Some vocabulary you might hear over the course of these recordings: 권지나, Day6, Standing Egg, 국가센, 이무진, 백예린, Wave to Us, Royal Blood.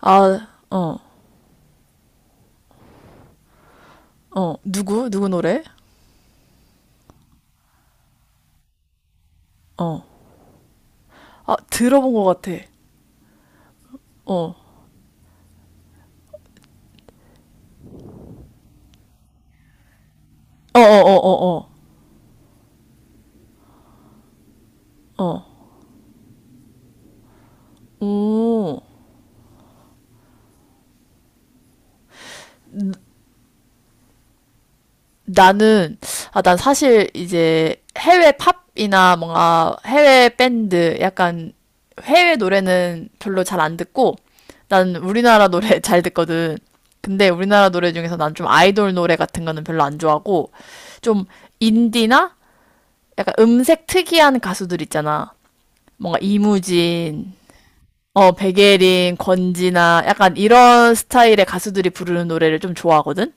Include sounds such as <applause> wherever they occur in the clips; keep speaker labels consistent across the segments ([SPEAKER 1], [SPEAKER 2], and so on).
[SPEAKER 1] 아, 어, 어. 누구? 누구 노래? 어. 아, 들어본 것 같아. 어. 어, 어, 어, 어, 어. 어. 오. 나는, 아, 난 사실 이제 해외 팝이나 뭔가 해외 밴드, 약간 해외 노래는 별로 잘 안 듣고, 난 우리나라 노래 <laughs> 잘 듣거든. 근데 우리나라 노래 중에서 난 좀 아이돌 노래 같은 거는 별로 안 좋아하고, 좀 인디나 약간 음색 특이한 가수들 있잖아. 뭔가 이무진, 어, 백예린, 권지나 약간 이런 스타일의 가수들이 부르는 노래를 좀 좋아하거든?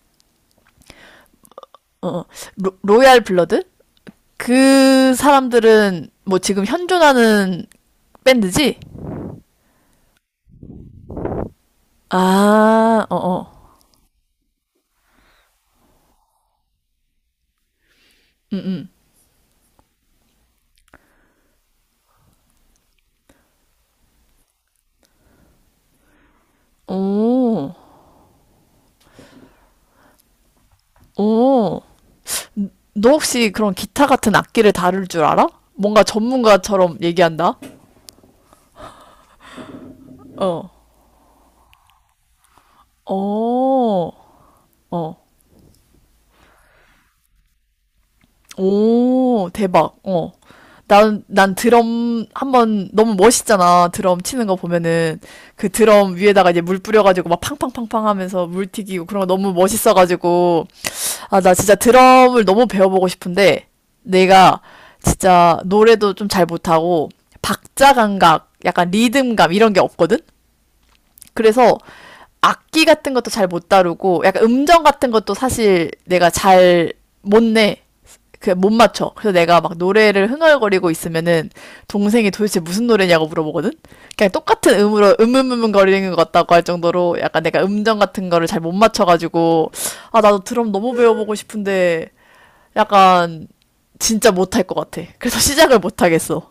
[SPEAKER 1] 어, 어. 로얄 블러드? 그 사람들은 뭐 지금 현존하는 밴드지? 아, 어, 어. 오, 오. 너 혹시 그런 기타 같은 악기를 다룰 줄 알아? 뭔가 전문가처럼 얘기한다? 어, 어, 어. 오, 대박. 어. 난, 난 드럼 한번 너무 멋있잖아. 드럼 치는 거 보면은 그 드럼 위에다가 이제 물 뿌려가지고 막 팡팡팡팡 하면서 물 튀기고 그런 거 너무 멋있어가지고. 아, 나 진짜 드럼을 너무 배워보고 싶은데 내가 진짜 노래도 좀 잘 못하고 박자 감각, 약간 리듬감 이런 게 없거든? 그래서 악기 같은 것도 잘 못 다루고 약간 음정 같은 것도 사실 내가 잘 못 내. 그 못 맞춰. 그래서 내가 막 노래를 흥얼거리고 있으면은 동생이 도대체 무슨 노래냐고 물어보거든. 그냥 똑같은 음으로 거리는 것 같다고 할 정도로 약간 내가 음정 같은 거를 잘 못 맞춰가지고 아 나도 드럼 너무 배워보고 싶은데 약간 진짜 못할 것 같아. 그래서 <laughs> 시작을 못 하겠어.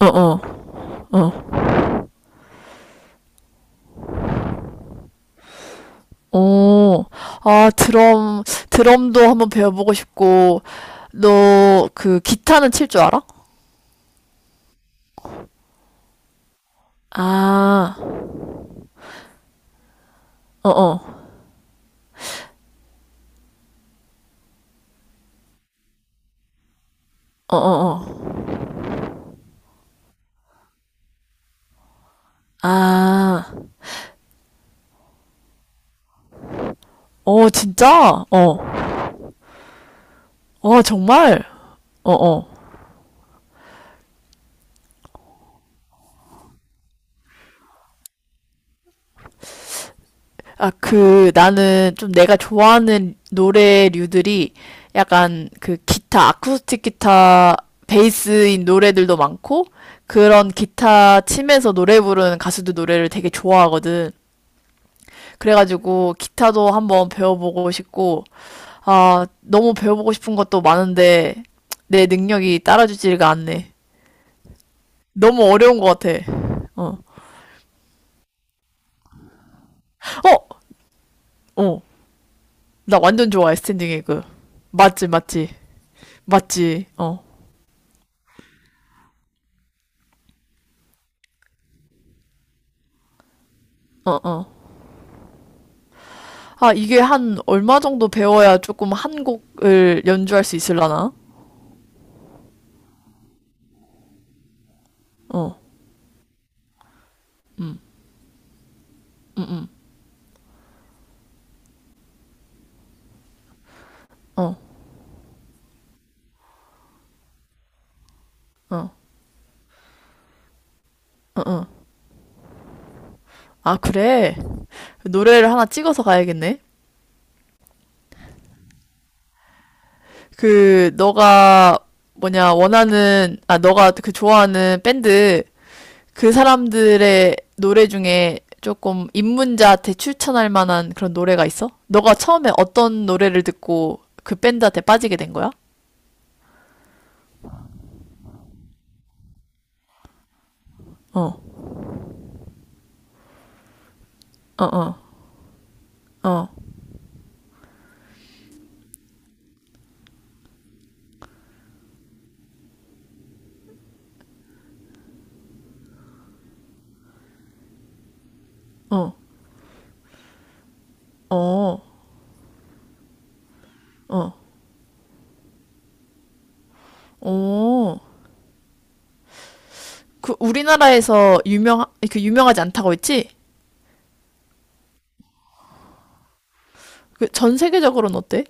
[SPEAKER 1] 어어. 어, 아, 드럼, 드럼도 한번 배워보고 싶고, 너, 그, 기타는 칠 줄 알아? 아, 어어, 어어어. 아, 어, 진짜? 어, 어, 정말? 어어. 아, 그, 나는 좀 내가 좋아하는 노래류들이 약간 그 기타, 아쿠스틱 기타, 베이스인 노래들도 많고, 그런 기타 치면서 노래 부르는 가수들 노래를 되게 좋아하거든. 그래가지고 기타도 한번 배워보고 싶고, 아, 너무 배워보고 싶은 것도 많은데 내 능력이 따라주지가 않네. 너무 어려운 것 같아. 어, 어, 어, 나 완전 좋아해 스탠딩 에그. 맞지, 맞지, 맞지. 어, 어, 어. 아, 이게 한 얼마 정도 배워야 조금 한 곡을 연주할 수 있을라나? 어, 어, 어. 아, 그래. 노래를 하나 찍어서 가야겠네. 그 너가 뭐냐 원하는 아 너가 그 좋아하는 밴드 그 사람들의 노래 중에 조금 입문자한테 추천할 만한 그런 노래가 있어? 너가 처음에 어떤 노래를 듣고 그 밴드한테 빠지게 된 거야? 어, 어, 어, 어, 어, 어, 어, 어. 그 우리나라에서 유명 그 유명하지 않다고 했지? 그 전 세계적으로는 어때?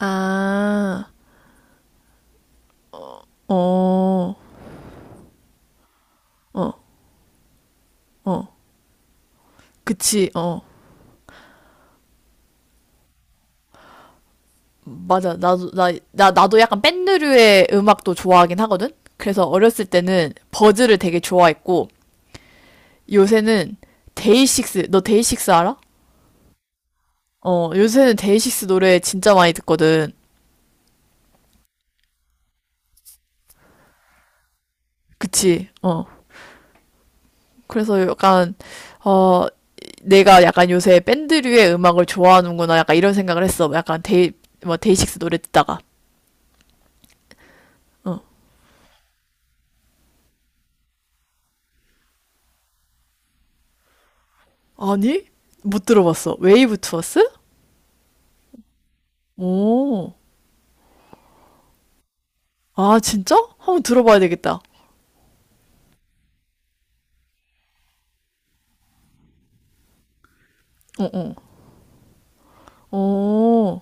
[SPEAKER 1] 아, 어, 어, 어. 그치, 어. 맞아. 나도 약간 밴드류의 음악도 좋아하긴 하거든? 그래서 어렸을 때는 버즈를 되게 좋아했고, 요새는 데이식스, 너 데이식스 알아? 어, 요새는 데이식스 노래 진짜 많이 듣거든. 그치? 어. 그래서 약간, 어, 내가 약간 요새 밴드류의 음악을 좋아하는구나. 약간 이런 생각을 했어. 약간 뭐, 데이식스 노래 듣다가. 아니? 못 들어봤어. 웨이브 투어스? 오. 아, 진짜? 한번 들어봐야 되겠다. 어, 어. 어,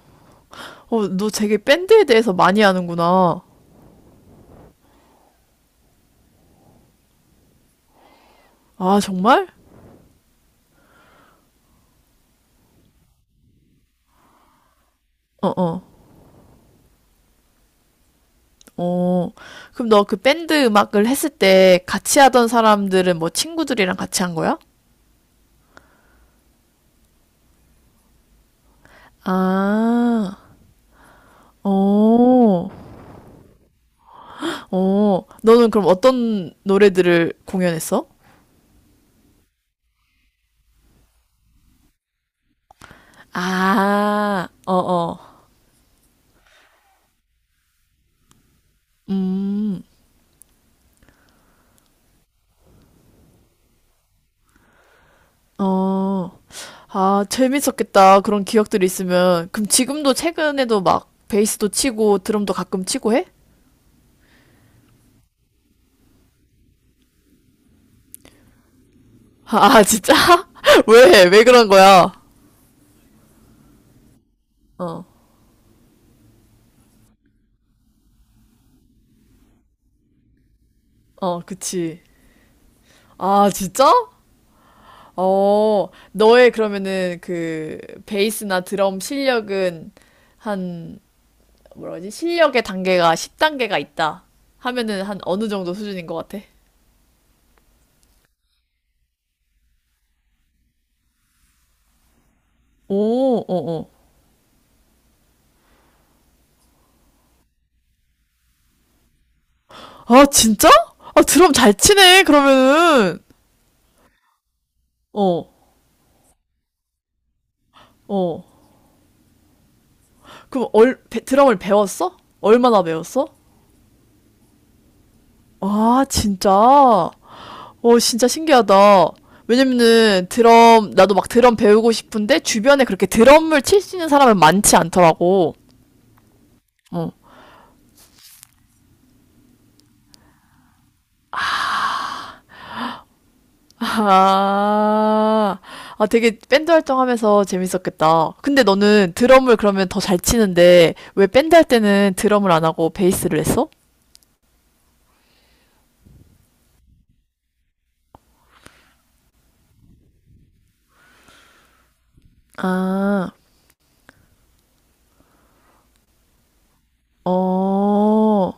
[SPEAKER 1] 어, 너 되게 밴드에 대해서 많이 아는구나. 아, 정말? 어, 어, 어. 그럼 너 그 밴드 음악을 했을 때 같이 하던 사람들은 뭐 친구들이랑 같이 한 거야? 아, 어, 어. 너는 그럼 어떤 노래들을 공연했어? 아, 어, 어. 음, 어. 아, 재밌었겠다. 그런 기억들이 있으면. 그럼 지금도 최근에도 막 베이스도 치고 드럼도 가끔 치고 해? 아, 아, 진짜? <laughs> 왜? 왜 그런 거야? 어, 어, 그치. 아, 진짜? 어, 너의 그러면은 그 베이스나 드럼 실력은 한, 뭐라지? 실력의 단계가 10단계가 있다. 하면은 한 어느 정도 수준인 것 같아? 오, 어, 어. 아, 진짜? 아, 드럼 잘 치네, 그러면은. 어, 어. 그럼 얼, 드럼을 배웠어? 얼마나 배웠어? 아, 진짜? 오, 진짜 신기하다. 왜냐면은 드럼, 나도 막 드럼 배우고 싶은데 주변에 그렇게 드럼을 칠 수 있는 사람은 많지 않더라고. 어. 아, 아, 되게 밴드 활동하면서 재밌었겠다. 근데 너는 드럼을 그러면 더 잘 치는데 왜 밴드 할 때는 드럼을 안 하고 베이스를 했어? 아, 어.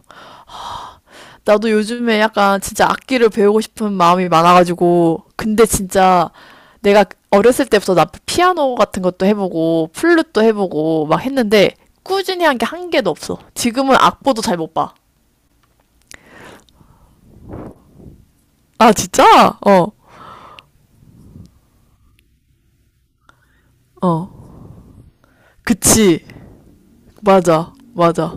[SPEAKER 1] 나도 요즘에 약간 진짜 악기를 배우고 싶은 마음이 많아가지고, 근데 진짜 내가 어렸을 때부터 나 피아노 같은 것도 해보고, 플룻도 해보고 막 했는데, 꾸준히 한 게 한 개도 없어. 지금은 악보도 잘 못 봐. 아, 진짜? 어, 어. 그치. 맞아, 맞아.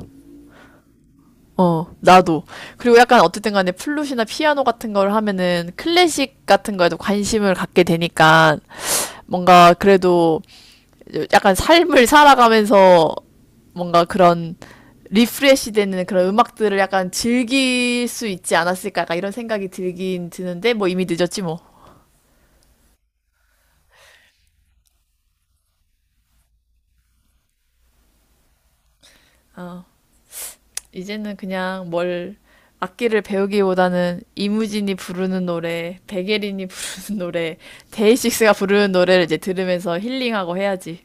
[SPEAKER 1] 어, 나도. 그리고 약간 어쨌든 간에 플룻이나 피아노 같은 걸 하면은 클래식 같은 거에도 관심을 갖게 되니까 뭔가 그래도 약간 삶을 살아가면서 뭔가 그런 리프레시 되는 그런 음악들을 약간 즐길 수 있지 않았을까 약간 이런 생각이 들긴 드는데 뭐 이미 늦었지 뭐. 어, 이제는 그냥 뭘 악기를 배우기보다는 이무진이 부르는 노래, 백예린이 <laughs> 부르는 노래, 데이식스가 부르는 노래를 이제 들으면서 힐링하고 해야지.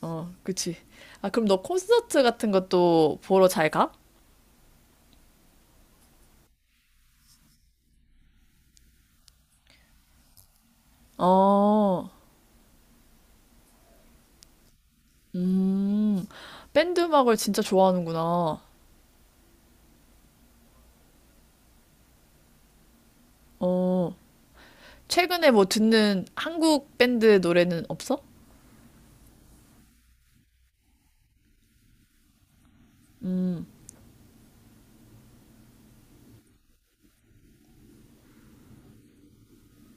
[SPEAKER 1] 어, 그치. 아, 그럼 너 콘서트 같은 것도 보러 잘 가? 어, 음, 밴드 음악을 진짜 좋아하는구나. 어, 최근에 뭐 듣는 한국 밴드 노래는 없어?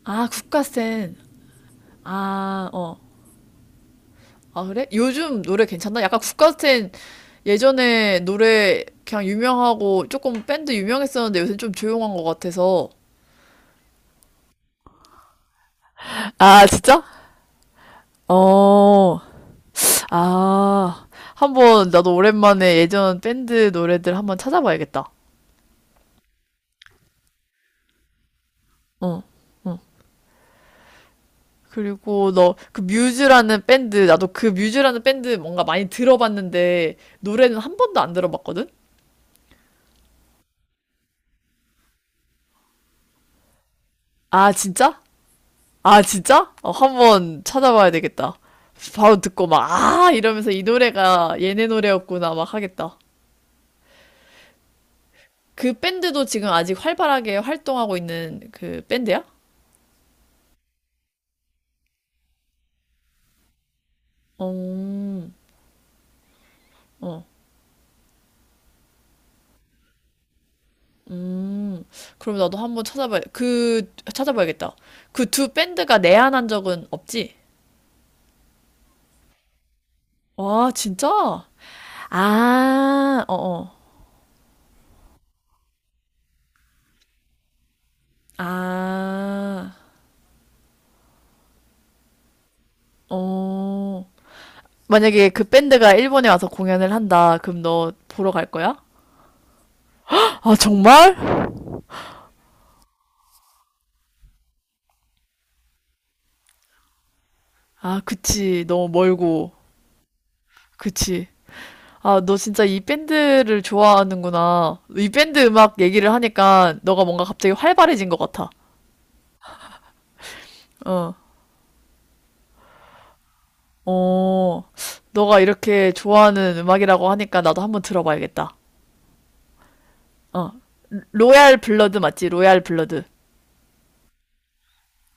[SPEAKER 1] 아, 국가센. 아, 어. 아, 그래? 요즘 노래 괜찮나? 약간 국가센 예전에 노래 그냥 유명하고 조금 밴드 유명했었는데 요새 좀 조용한 것 같아서. 아, 진짜? 어, 아, 한번 나도 오랜만에 예전 밴드 노래들 한번 찾아봐야겠다. 어, 어. 그리고 너 그 뮤즈라는 밴드 나도 그 뮤즈라는 밴드 뭔가 많이 들어봤는데 노래는 한 번도 안 들어봤거든? 아 진짜? 아 진짜? 어, 한번 찾아봐야 되겠다. 바로 듣고 막 아 이러면서 이 노래가 얘네 노래였구나 막 하겠다. 그 밴드도 지금 아직 활발하게 활동하고 있는 그 밴드야? 어, 어, 음. 그럼 나도 한 번 찾아봐야 그 찾아봐야겠다. 그 두 밴드가 내한한 적은 없지? 와 진짜? 아, 어어. 아, 어. 만약에 그 밴드가 일본에 와서 공연을 한다. 그럼 너 보러 갈 거야? 아, 정말? 아, 그치. 너무 멀고. 그치. 아, 너 진짜 이 밴드를 좋아하는구나. 이 밴드 음악 얘기를 하니까 너가 뭔가 갑자기 활발해진 것 같아. 어. 어. 너가 이렇게 좋아하는 음악이라고 하니까 나도 한번 들어봐야겠다. 어. 로얄 블러드 맞지? 로얄 블러드.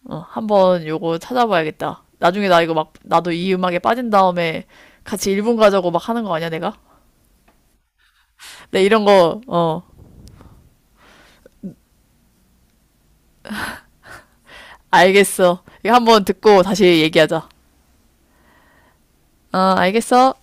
[SPEAKER 1] 어, 한번 요거 찾아봐야겠다. 나중에 나 이거 막, 나도 이 음악에 빠진 다음에 같이 일본 가자고 막 하는 거 아니야, 내가? 내 이런 거, 어, 알겠어. 이거 한번 듣고 다시 얘기하자. 어, 알겠어.